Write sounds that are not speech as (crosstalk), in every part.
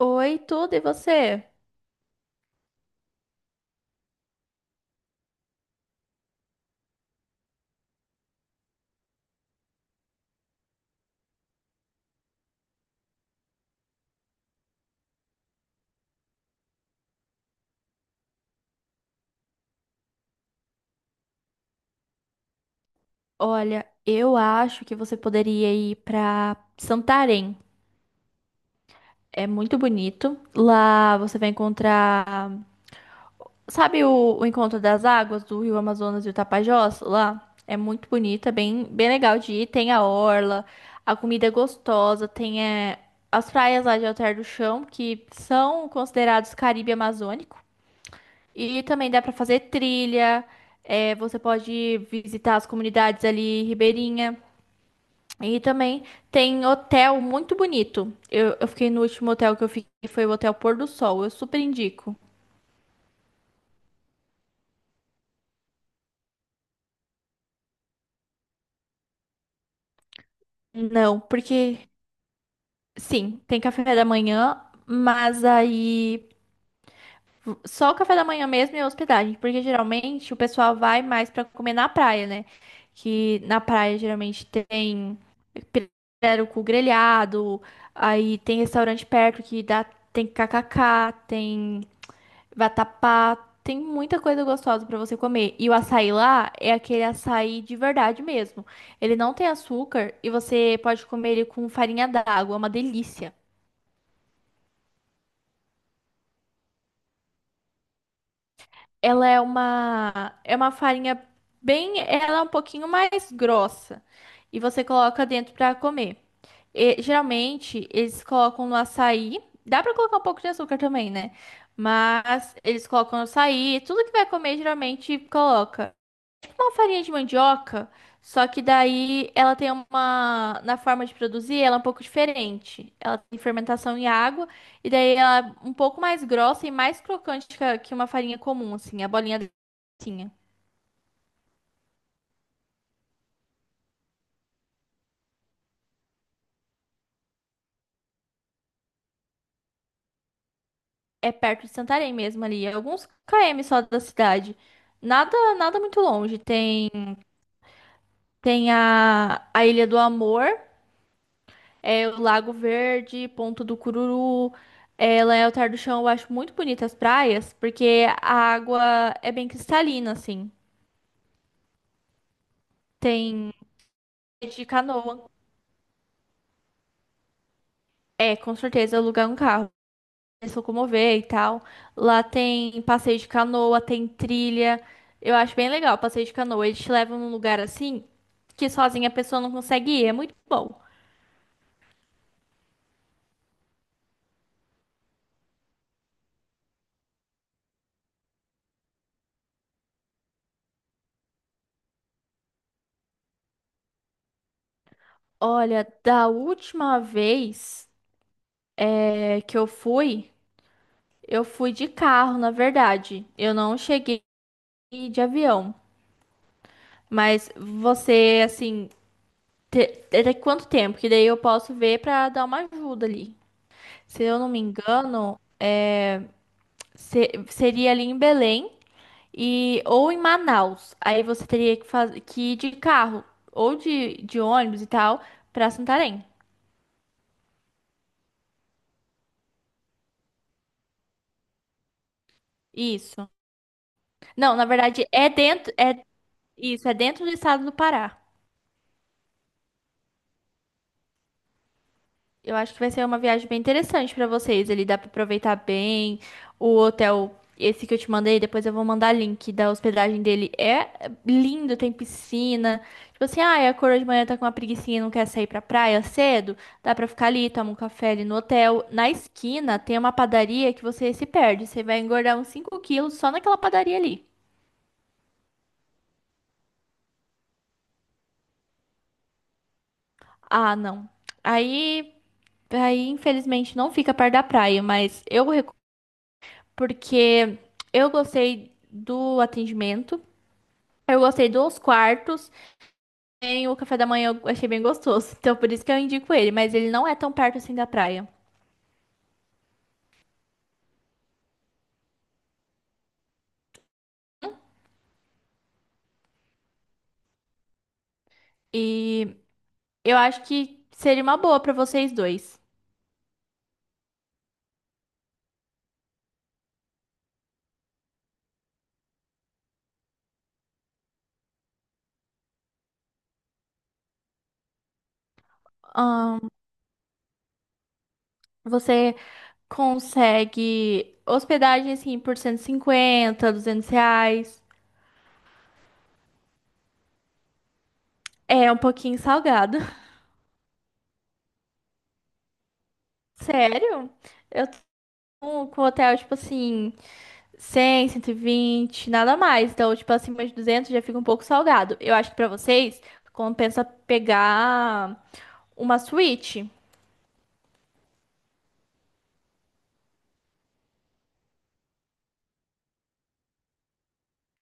Oi, tudo e você? Olha, eu acho que você poderia ir pra Santarém. É muito bonito. Lá você vai encontrar, sabe o encontro das águas do Rio Amazonas e o Tapajós? Lá é muito bonito, é bem, bem legal de ir. Tem a orla, a comida é gostosa, tem as praias lá de Alter do Chão, que são considerados Caribe Amazônico. E também dá pra fazer trilha, você pode visitar as comunidades ali ribeirinha. E também tem hotel muito bonito. Eu fiquei no último hotel que eu fiquei, foi o Hotel Pôr do Sol. Eu super indico. Não, porque sim, tem café da manhã, mas aí só o café da manhã mesmo e a hospedagem, porque geralmente o pessoal vai mais pra comer na praia, né? Que na praia geralmente tem pirarucu grelhado, aí tem restaurante perto que dá, tem kkk, tem Vatapá, tem muita coisa gostosa pra você comer. E o açaí lá é aquele açaí de verdade mesmo. Ele não tem açúcar e você pode comer ele com farinha d'água, é uma delícia. Ela é uma farinha bem, ela é um pouquinho mais grossa e você coloca dentro pra comer. E, geralmente eles colocam no açaí, dá pra colocar um pouco de açúcar também, né? Mas eles colocam no açaí, tudo que vai comer geralmente coloca. Uma farinha de mandioca, só que daí ela tem uma. Na forma de produzir, ela é um pouco diferente. Ela tem fermentação em água, e daí ela é um pouco mais grossa e mais crocante que que uma farinha comum, assim, a bolinha delicinha. É perto de Santarém mesmo ali, é alguns km só da cidade. Nada, nada muito longe. Tem a Ilha do Amor, é o Lago Verde, Ponto do Cururu, Leotar do Chão. Eu acho muito bonitas as praias, porque a água é bem cristalina, assim. Tem de canoa. É, com certeza, alugar um carro, se locomover e tal. Lá tem passeio de canoa, tem trilha. Eu acho bem legal o passeio de canoa. Eles te levam num lugar assim que sozinha a pessoa não consegue ir. É muito bom. Olha, da última vez que eu fui. Eu fui de carro, na verdade. Eu não cheguei de avião. Mas você, assim, até quanto tempo? Que daí eu posso ver pra dar uma ajuda ali. Se eu não me engano, seria ali em Belém e ou em Manaus. Aí você teria que, que ir de carro ou de ônibus e tal pra Santarém. Isso. Não, na verdade é dentro, é isso, é dentro do estado do Pará. Eu acho que vai ser uma viagem bem interessante pra vocês. Ele dá pra aproveitar bem o hotel. Esse que eu te mandei, depois eu vou mandar link da hospedagem dele. É lindo, tem piscina. Tipo assim, ah, a coroa de manhã tá com uma preguicinha e não quer sair pra praia cedo. Dá pra ficar ali, toma um café ali no hotel. Na esquina tem uma padaria que você se perde. Você vai engordar uns 5 quilos só naquela padaria ali. Ah, não. Aí, aí infelizmente, não fica perto da praia, mas eu porque eu gostei do atendimento, eu gostei dos quartos, e o café da manhã eu achei bem gostoso. Então por isso que eu indico ele, mas ele não é tão perto assim da praia. E eu acho que seria uma boa pra vocês dois. Ah, você consegue hospedagem assim por 150, R$ 200. É um pouquinho salgado. (laughs) Sério? Eu tô com o hotel, tipo assim, 100, 120, nada mais. Então, tipo, acima de 200 já fica um pouco salgado. Eu acho que pra vocês compensa pegar uma Switch.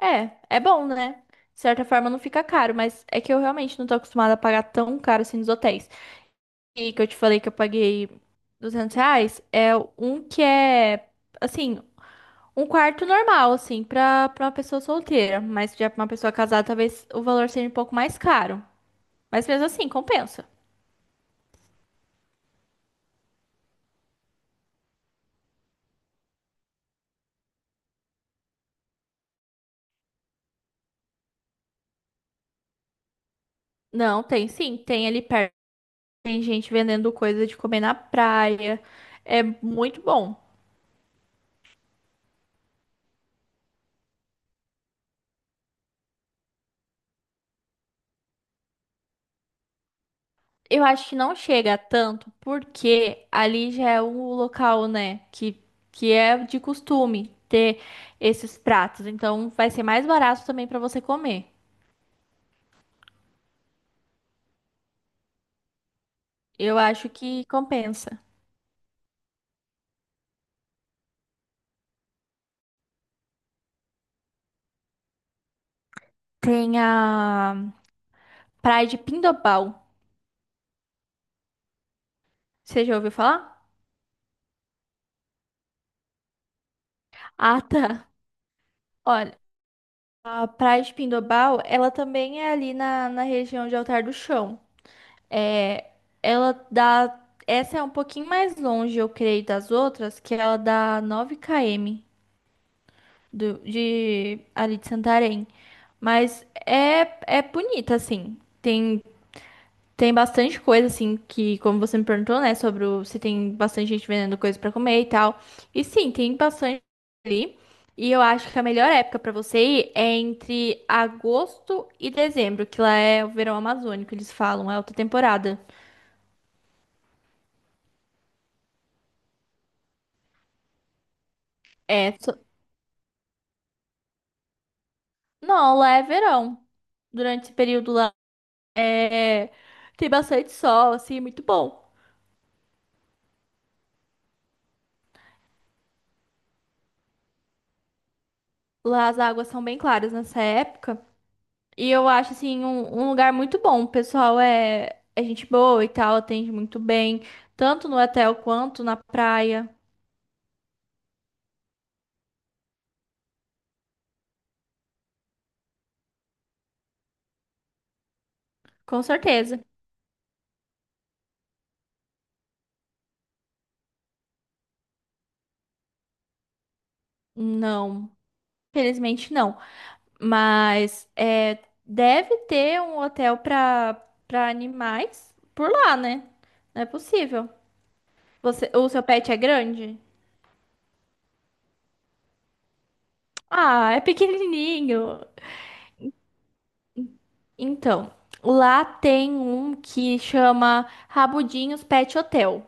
É, é bom, né? De certa forma não fica caro, mas é que eu realmente não tô acostumada a pagar tão caro assim nos hotéis. E que eu te falei que eu paguei R$ 200, é um que é, assim, um quarto normal, assim, pra uma pessoa solteira. Mas já pra uma pessoa casada, talvez o valor seja um pouco mais caro. Mas mesmo assim, compensa. Não, tem sim, tem ali perto, tem gente vendendo coisa de comer na praia. É muito bom. Eu acho que não chega a tanto porque ali já é um local, né, que é de costume ter esses pratos. Então vai ser mais barato também para você comer. Eu acho que compensa. Tem a Praia de Pindobal. Você já ouviu falar? Ah, tá. Olha, a Praia de Pindobal, ela também é ali na região de Altar do Chão. É, ela dá. Essa é um pouquinho mais longe, eu creio, das outras, que ela dá 9 km do, de, ali de Santarém. Mas é, é bonita, assim. Tem bastante coisa, assim, que, como você me perguntou, né, sobre se tem bastante gente vendendo coisa pra comer e tal. E sim, tem bastante ali. E eu acho que a melhor época pra você ir é entre agosto e dezembro, que lá é o verão amazônico, eles falam, é alta temporada. É. Não, lá é verão. Durante esse período lá é... tem bastante sol, assim, é muito bom. Lá as águas são bem claras nessa época. E eu acho, assim, um lugar muito bom. O pessoal é gente boa e tal, atende muito bem, tanto no hotel quanto na praia. Com certeza. Não, felizmente não. Mas deve ter um hotel para animais por lá, né? Não é possível. O seu pet é grande? Ah, é pequenininho. Então, lá tem um que chama Rabudinhos Pet Hotel.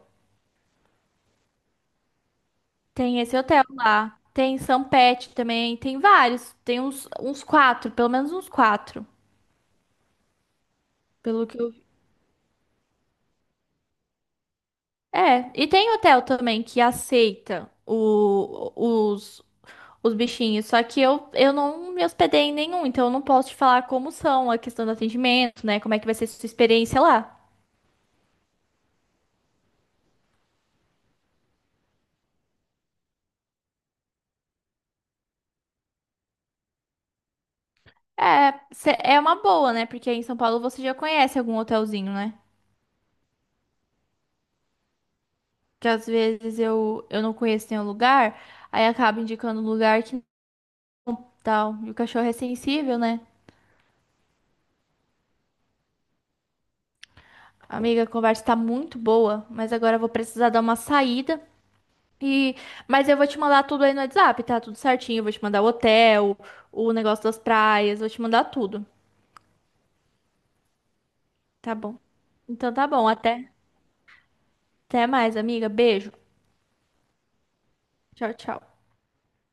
Tem esse hotel lá. Tem São Pet também. Tem vários. Tem uns quatro, pelo menos uns quatro. É, e tem hotel também que aceita os bichinhos. Só que eu não me hospedei em nenhum, então eu não posso te falar como são a questão do atendimento, né? Como é que vai ser sua experiência lá. É, é uma boa, né? Porque aí em São Paulo você já conhece algum hotelzinho, né? Que às vezes eu não conheço nenhum lugar, aí acaba indicando um lugar que não tal. E o cachorro é sensível, né? Amiga, a conversa tá muito boa, mas agora eu vou precisar dar uma saída. E, mas eu vou te mandar tudo aí no WhatsApp, tá? Tudo certinho. Eu vou te mandar o hotel, o negócio das praias, vou te mandar tudo. Tá bom. Então tá bom, até mais, amiga. Beijo. Tchau, tchau.